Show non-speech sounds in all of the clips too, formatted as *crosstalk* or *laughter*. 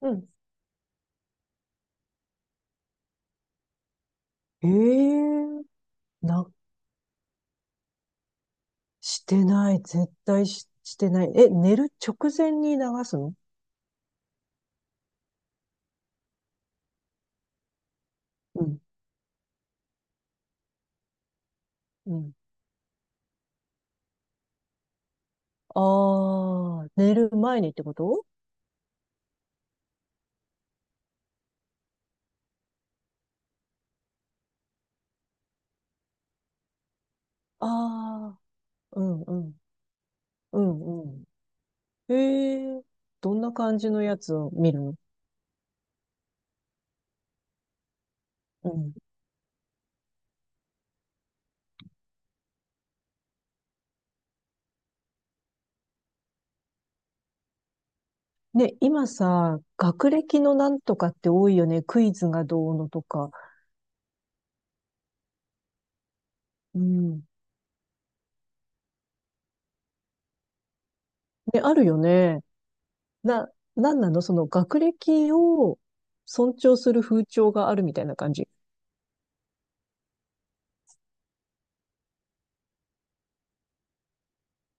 うん。ええな、してない。絶対してない。え、寝る直前に流すの？うん、うん。ああ、寝る前にってこと？ああー、うん、うん、うん、うん。ええ。どんな感じのやつを見るの？うん。ね、今さ、学歴のなんとかって多いよね。クイズがどうのとか。うん。ね、あるよね。な、なんなのその学歴を尊重する風潮があるみたいな感じ。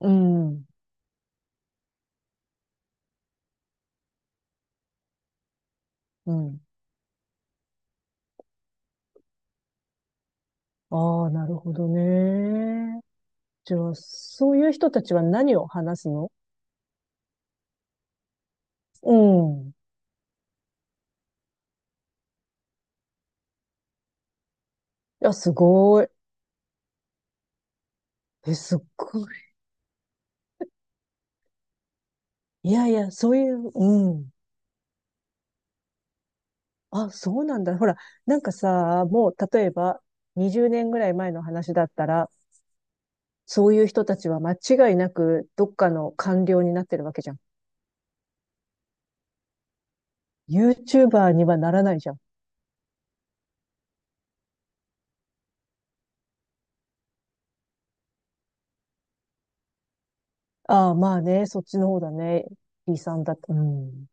うん、うん。ああ、なるほどね。じゃあ、そういう人たちは何を話すの？うん。いや、すごい。え、すっごい。いやいや、そういう、うん。あ、そうなんだ。ほら、なんかさ、もう、例えば、20年ぐらい前の話だったら、そういう人たちは間違いなく、どっかの官僚になってるわけじゃん。YouTuber にはならないじゃん。ああ、まあね、そっちの方だね。B さんだと。うん。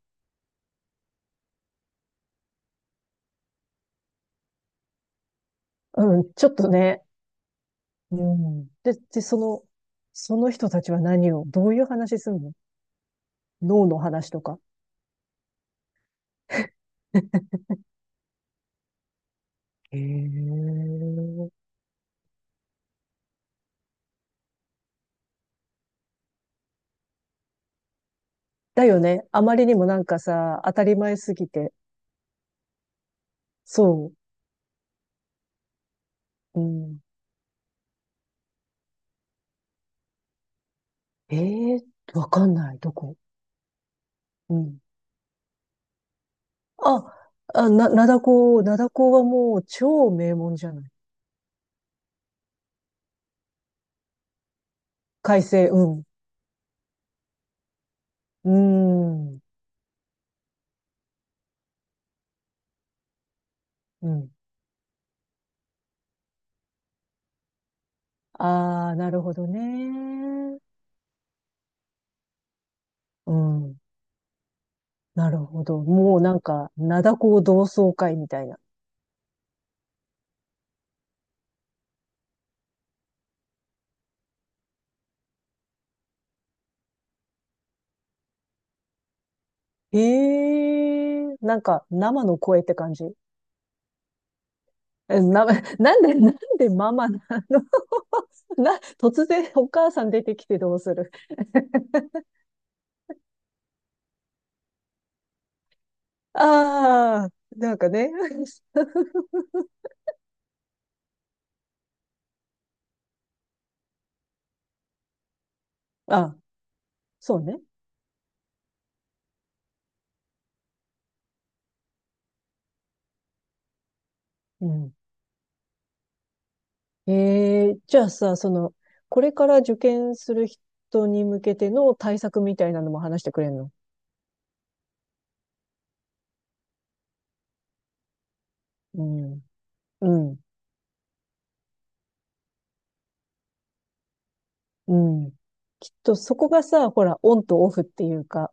うん、ちょっとね、うん。で、その、その人たちは何を、どういう話すんの？脳の話とか。へえ。だよね。あまりにもなんかさ、当たり前すぎて。そう。うん。ええ。わかんない。どこ？うん。あ、あ、灘高はもう超名門じゃない？開成、うん。うん。うん。ああ、なるほどね。うん。なるほど。もうなんか、灘高同窓会みたいな。ええ。なんか生の声って感じ。え、*laughs* なんでママなの？ *laughs* 突然お母さん出てきてどうする？ *laughs* ああ、なんかね。*laughs* あ、そうね。うん。ええ。じゃあさ、その、これから受験する人に向けての対策みたいなのも話してくれんの？うん。うん。うん。きっとそこがさ、ほら、オンとオフっていうか、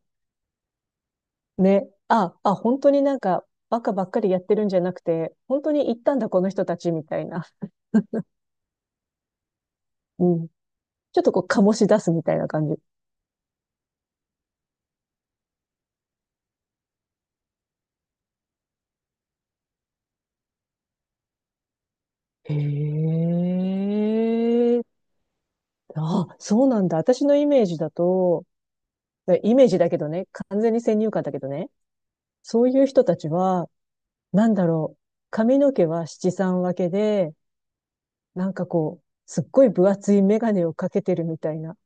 ね。あ、あ、本当になんか、バカばっかりやってるんじゃなくて、本当に行ったんだ、この人たち、みたいな。*laughs* うん。ちょっとこう、醸し出すみたいな感じ。へえ。あ、そうなんだ。私のイメージだと、ねイメージだけどね、完全に先入観だけどね、そういう人たちは、なんだろう、髪の毛は七三分けで、なんかこう、すっごい分厚いメガネをかけてるみたいな。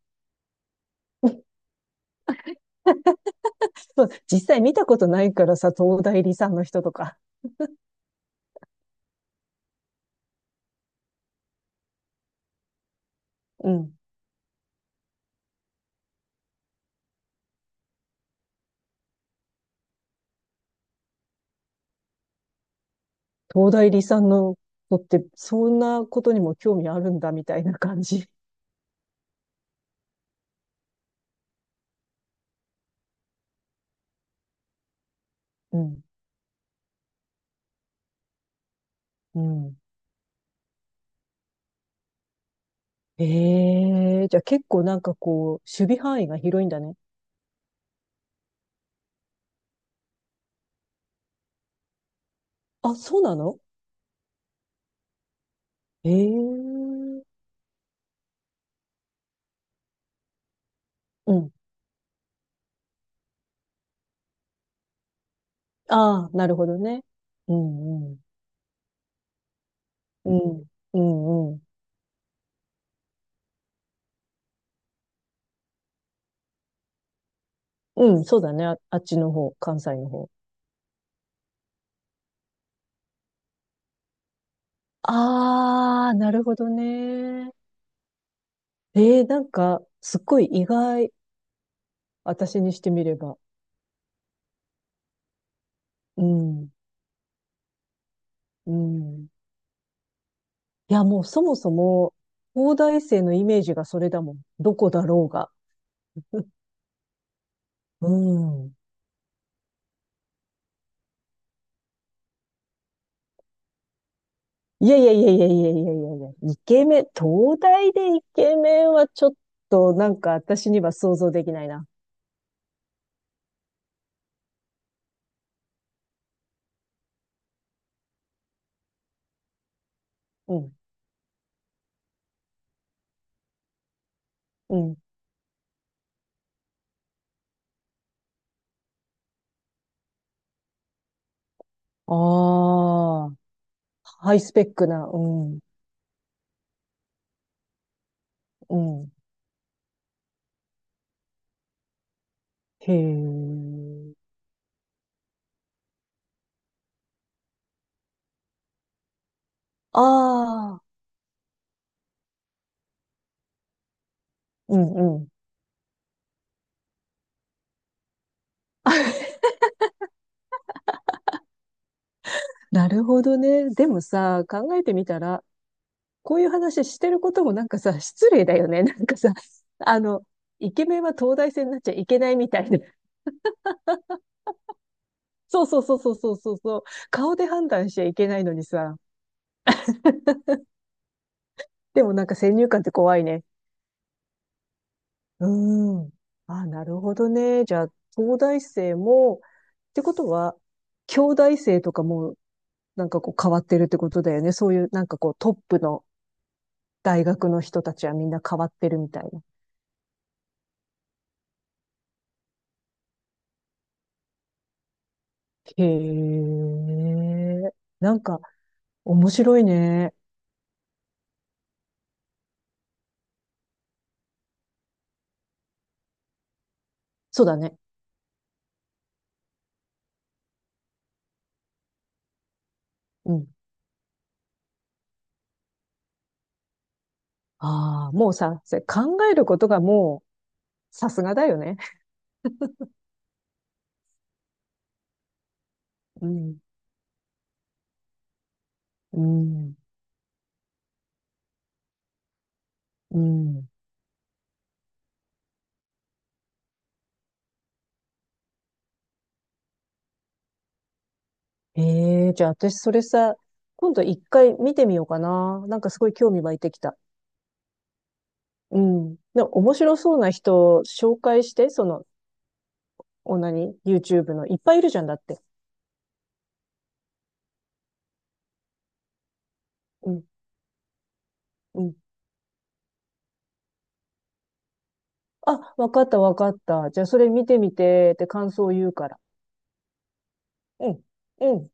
*laughs* そう実際見たことないからさ、東大理さんの人とか。うん。東大理さんの子って、そんなことにも興味あるんだ、みたいな感じ。*laughs* うん、うん。ええ。じゃあ結構なんかこう、守備範囲が広いんだね。あ、そうなの？ええ。うん。ああ、なるほどね。うん、うん、うん、うん、うん。うん、そうだね。あ、あっちの方、関西の方。ああ、なるほどね。ええ。なんか、すっごい意外。私にしてみれば。うん、うん。いや、もうそもそも、東大生のイメージがそれだもん。どこだろうが。うん。いやいやいやいやいやいやいやいや、イケメン、東大でイケメンはちょっとなんか私には想像できないな。うん、うん。ああ、ハイスペックな、うん、うん。へえ。ああ、うん、うん。なるほどね。でもさ、考えてみたら、こういう話してることもなんかさ、失礼だよね。*laughs* なんかさ、あの、イケメンは東大生になっちゃいけないみたいな。*laughs* そうそうそうそうそうそうそう。顔で判断しちゃいけないのにさ。でもなんか先入観って怖いね。うーん。あ、なるほどね。じゃあ、東大生も、ってことは、兄弟生とかもなんかこう変わってるってことだよね。そういうなんかこうトップの大学の人たちはみんな変わってるみたいな。へえ。なんか面白いね。そうだね。うん。ああ、もうさ、それ考えることがもう、さすがだよね。うん。うん。うん。ええ。じゃあ私それさ、今度一回見てみようかな。なんかすごい興味湧いてきた。うん。で、面白そうな人を紹介して、その、おなに、YouTube の。いっぱいいるじゃんだって。うん。うん。あ、わかったわかった。じゃあそれ見てみて、って感想を言うから。うん。うん。